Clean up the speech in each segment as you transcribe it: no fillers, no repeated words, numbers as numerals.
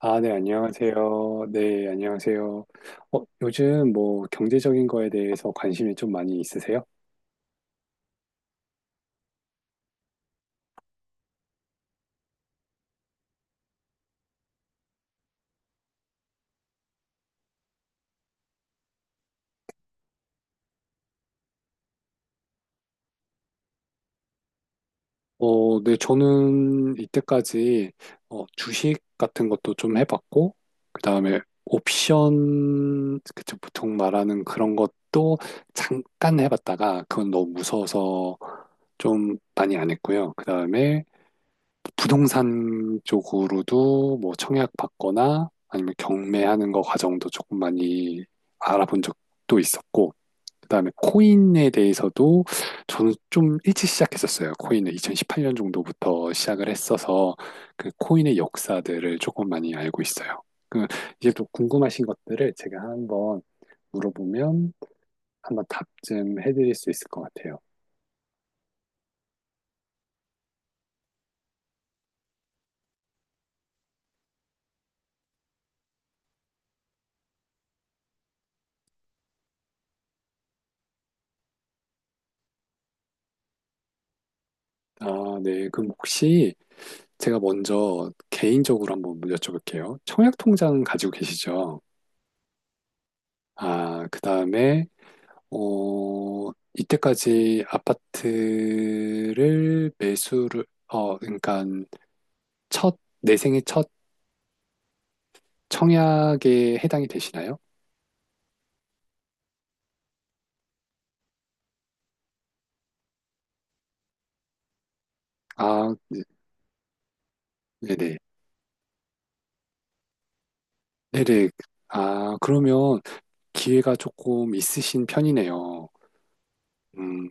아, 네, 안녕하세요. 네, 안녕하세요. 요즘 뭐 경제적인 거에 대해서 관심이 좀 많이 있으세요? 네, 저는 이때까지 주식 같은 것도 좀 해봤고, 그 다음에 옵션, 그쵸, 보통 말하는 그런 것도 잠깐 해봤다가, 그건 너무 무서워서 좀 많이 안 했고요. 그 다음에 부동산 쪽으로도 뭐 청약 받거나 아니면 경매하는 거 과정도 조금 많이 알아본 적도 있었고, 그다음에 코인에 대해서도 저는 좀 일찍 시작했었어요. 코인을 2018년 정도부터 시작을 했어서 그 코인의 역사들을 조금 많이 알고 있어요. 그 이제 또 궁금하신 것들을 제가 한번 물어보면 한번 답 좀 해드릴 수 있을 것 같아요. 아, 네. 그럼 혹시 제가 먼저 개인적으로 한번 여쭤볼게요. 청약 통장 가지고 계시죠? 아, 그 다음에, 이때까지 아파트를 매수를, 그러니까 첫, 내 생애 첫 청약에 해당이 되시나요? 아, 네- 네네. 네 네. 아, 그러면 기회가 조금 있으신 편이네요. 음,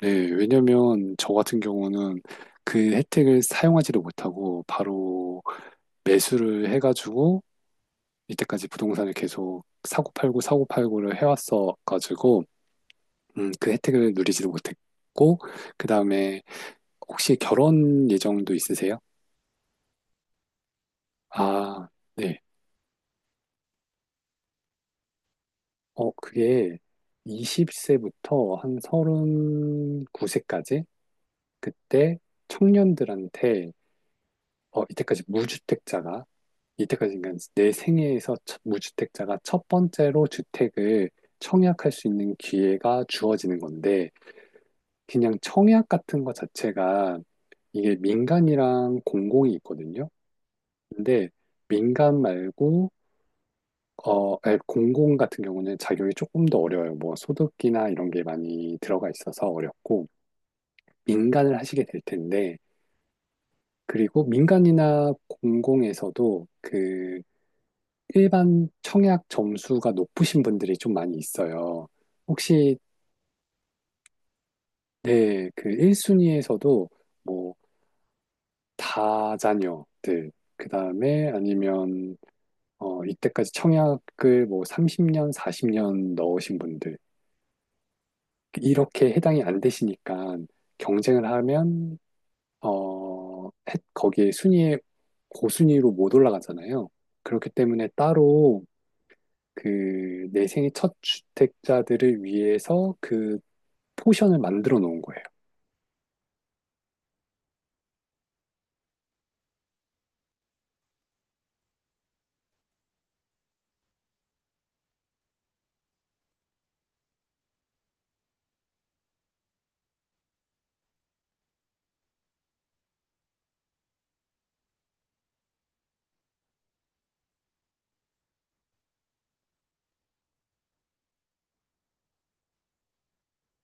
네. 왜냐면 저 같은 경우는 그 혜택을 사용하지를 못하고 바로 매수를 해가지고 이때까지 부동산을 계속 사고 팔고 사고 팔고를 해왔어가지고 그 혜택을 누리지도 못했고 그 다음에 혹시 결혼 예정도 있으세요? 아, 네. 그게 20세부터 한 39세까지 그때 청년들한테 이때까지 무주택자가 이때까지 그러니까 내 생애에서 첫- 무주택자가 첫 번째로 주택을 청약할 수 있는 기회가 주어지는 건데 그냥 청약 같은 거 자체가 이게 민간이랑 공공이 있거든요. 근데 민간 말고 아니, 공공 같은 경우는 작용이 조금 더 어려워요. 뭐 소득이나 이런 게 많이 들어가 있어서 어렵고 민간을 하시게 될 텐데 그리고 민간이나 공공에서도 그 일반 청약 점수가 높으신 분들이 좀 많이 있어요. 혹시 네, 그 1순위에서도 뭐 다자녀들, 그 다음에 아니면, 이때까지 청약을 뭐 30년, 40년 넣으신 분들, 이렇게 해당이 안 되시니까 경쟁을 하면, 거기에 순위에 고순위로 못 올라가잖아요. 그렇기 때문에 따로 그 내생의 첫 주택자들을 위해서 그 포션을 만들어 놓은 거예요.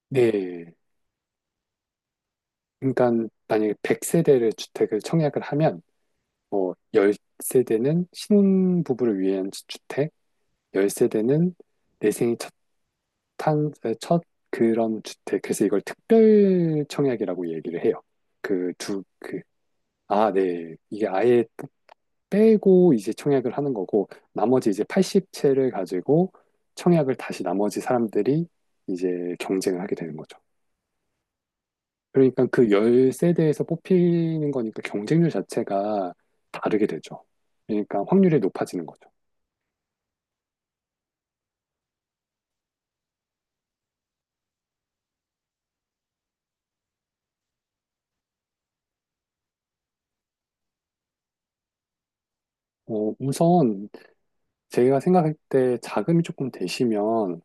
네. 그러니까 만약에 100세대를 주택을 청약을 하면 뭐, 10세대는 신부부를 위한 주택, 10세대는 내 생애 첫, 탄, 첫 그런 주택. 그래서 이걸 특별 청약이라고 얘기를 해요. 그 두, 그, 아, 네. 이게 아예 빼고 이제 청약을 하는 거고, 나머지 이제 80채를 가지고 청약을 다시 나머지 사람들이 이제 경쟁을 하게 되는 거죠. 그러니까 그 10세대에서 뽑히는 거니까 경쟁률 자체가 다르게 되죠. 그러니까 확률이 높아지는 거죠. 우선 제가 생각할 때 자금이 조금 되시면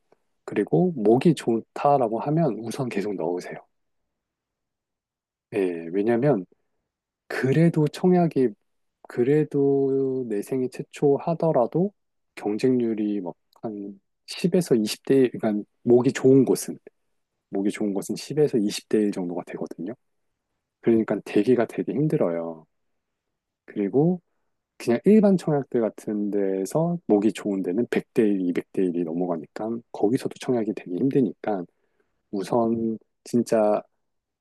그리고 목이 좋다라고 하면 우선 계속 넣으세요. 예, 왜냐면 그래도 청약이 그래도 내 생애 최초 하더라도 경쟁률이 막한 10에서 20대 1, 그러니까 목이 좋은 곳은 10에서 20대 1 정도가 되거든요. 그러니까 대기가 되게 힘들어요. 그리고 그냥 일반 청약대 같은 데에서 목이 좋은 데는 100대 1, 200대 1이 넘어가니까 거기서도 청약이 되게 힘드니까 우선 진짜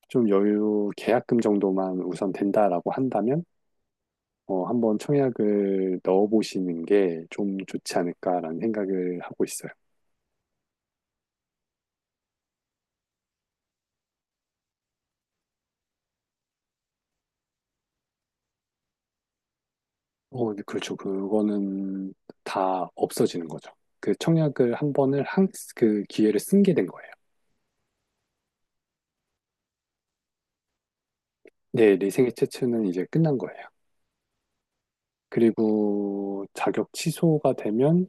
좀 여유 계약금 정도만 우선 된다라고 한다면 한번 청약을 넣어보시는 게 좀 좋지 않을까라는 생각을 하고 있어요. 네, 그렇죠. 그거는 다 없어지는 거죠. 그 청약을 한 번을 한, 그 기회를 쓴 게 된 거예요. 네, 내 생애 최초는 이제 끝난 거예요. 그리고 자격 취소가 되면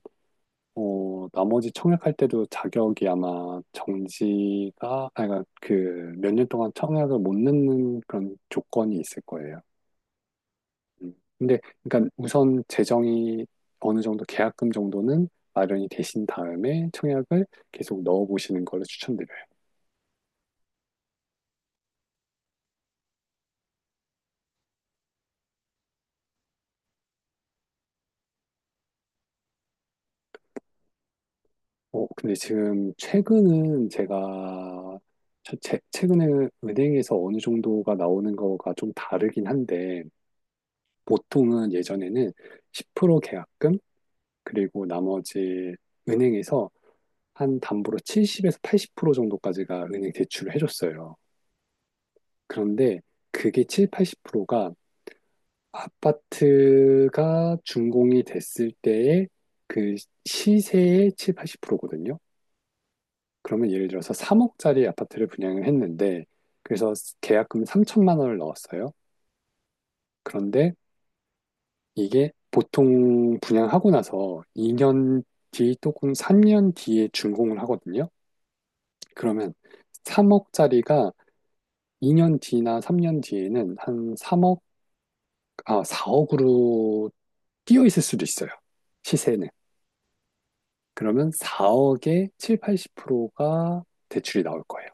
나머지 청약할 때도 자격이 아마 정지가 아니 그러니까 그몇 년 동안 청약을 못 넣는 그런 조건이 있을 거예요. 음. 근데 그러니까 우선 재정이 어느 정도 계약금 정도는 마련이 되신 다음에 청약을 계속 넣어 보시는 거를 추천드려요. 근데 지금 최근은 제가 최근에 은행에서 어느 정도가 나오는 거가 좀 다르긴 한데 보통은 예전에는 10% 계약금, 그리고 나머지 은행에서 한 담보로 70에서 80% 정도까지가 은행 대출을 해줬어요. 그런데 그게 7, 80%가 아파트가 준공이 됐을 때의 그 시세의 7, 80%거든요. 그러면 예를 들어서 3억짜리 아파트를 분양을 했는데, 그래서 계약금 3천만 원을 넣었어요. 그런데 이게 보통 분양하고 나서 2년 뒤 또는 3년 뒤에 준공을 하거든요. 그러면 3억짜리가 2년 뒤나 3년 뒤에는 한 3억, 4억으로 뛰어 있을 수도 있어요. 시세는. 그러면 4억에 7, 80%가 대출이 나올 거예요.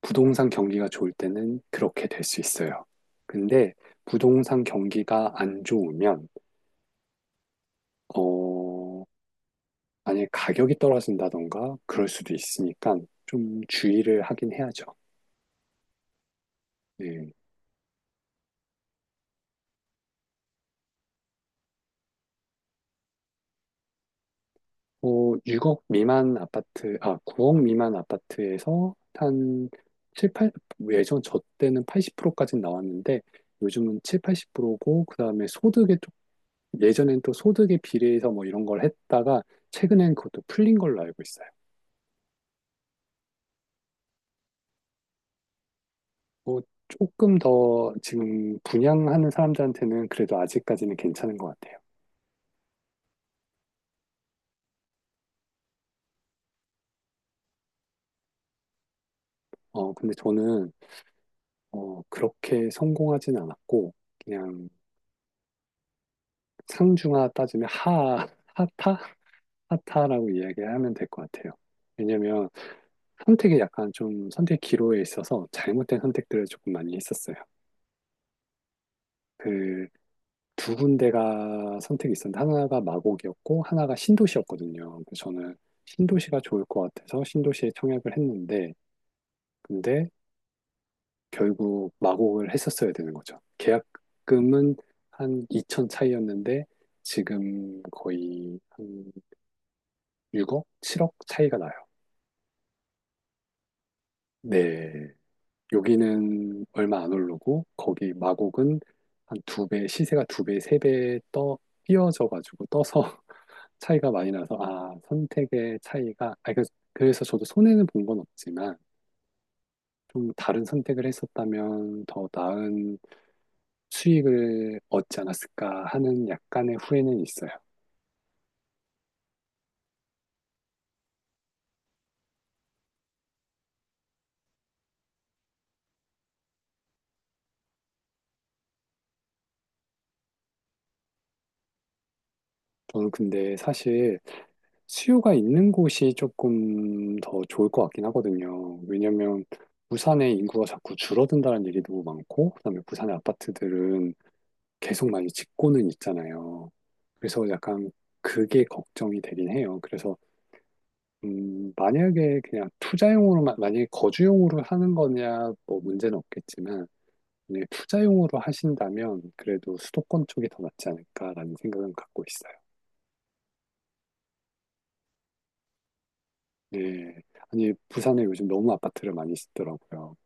부동산 경기가 좋을 때는 그렇게 될 수 있어요. 근데 부동산 경기가 안 좋으면, 어... 만약에 가격이 떨어진다던가 그럴 수도 있으니까 좀 주의를 하긴 해야죠. 네. 뭐 6억 미만 아파트, 9억 미만 아파트에서 한 7, 8, 예전 저 때는 80%까지 나왔는데 요즘은 7, 80%고 그다음에 소득에 좀 예전엔 또 소득에 비례해서 뭐 이런 걸 했다가 최근엔 그것도 풀린 걸로 알고 있어요. 뭐 조금 더 지금 분양하는 사람들한테는 그래도 아직까지는 괜찮은 것 같아요. 근데 저는 그렇게 성공하진 않았고, 그냥 상중하 따지면 하타? 하타라고 이야기하면 될 것 같아요. 왜냐면 선택이 약간 좀 선택 기로에 있어서 잘못된 선택들을 조금 많이 했었어요. 그 두 군데가 선택이 있었는데 하나가 마곡이었고 하나가 신도시였거든요. 그래서 저는 신도시가 좋을 것 같아서 신도시에 청약을 했는데 근데 결국 마곡을 했었어야 되는 거죠. 계약금은 한 2천 차이였는데 지금 거의 한 6억, 7억 차이가 나요. 네. 여기는 얼마 안 오르고 거기 마곡은 한 두 배, 시세가 두 배, 세 배 띄어져 가지고 떠서 차이가 많이 나서 선택의 차이가 그래서 저도 손해는 본 건 없지만 좀 다른 선택을 했었다면 더 나은 수익을 얻지 않았을까 하는 약간의 후회는 있어요. 저는 근데 사실 수요가 있는 곳이 조금 더 좋을 것 같긴 하거든요. 왜냐면 부산의 인구가 자꾸 줄어든다는 얘기 너무 많고, 그다음에 부산의 아파트들은 계속 많이 짓고는 있잖아요. 그래서 약간 그게 걱정이 되긴 해요. 그래서 만약에 그냥 투자용으로만, 만약에 거주용으로 하는 거냐, 뭐 문제는 없겠지만, 만약에 투자용으로 하신다면 그래도 수도권 쪽이 더 낫지 않을까라는 생각은 갖고 있어요. 네. 아니, 부산에 요즘 너무 아파트를 많이 짓더라고요.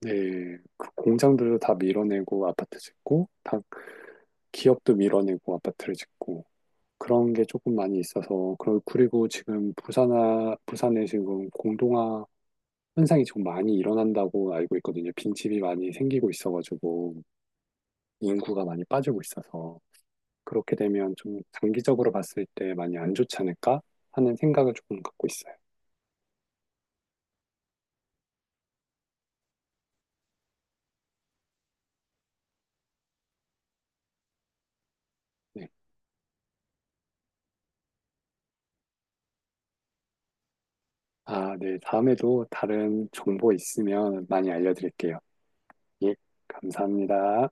네. 그 공장들도 다 밀어내고 아파트 짓고, 다 기업도 밀어내고 아파트를 짓고, 그런 게 조금 많이 있어서, 그리고 지금 부산에 지금 공동화 현상이 좀 많이 일어난다고 알고 있거든요. 빈집이 많이 생기고 있어가지고, 인구가 많이 빠지고 있어서. 그렇게 되면 좀 장기적으로 봤을 때 많이 안 좋지 않을까 하는 생각을 조금 갖고 있어요. 네. 아, 네. 다음에도 다른 정보 있으면 많이 알려드릴게요. 예, 감사합니다.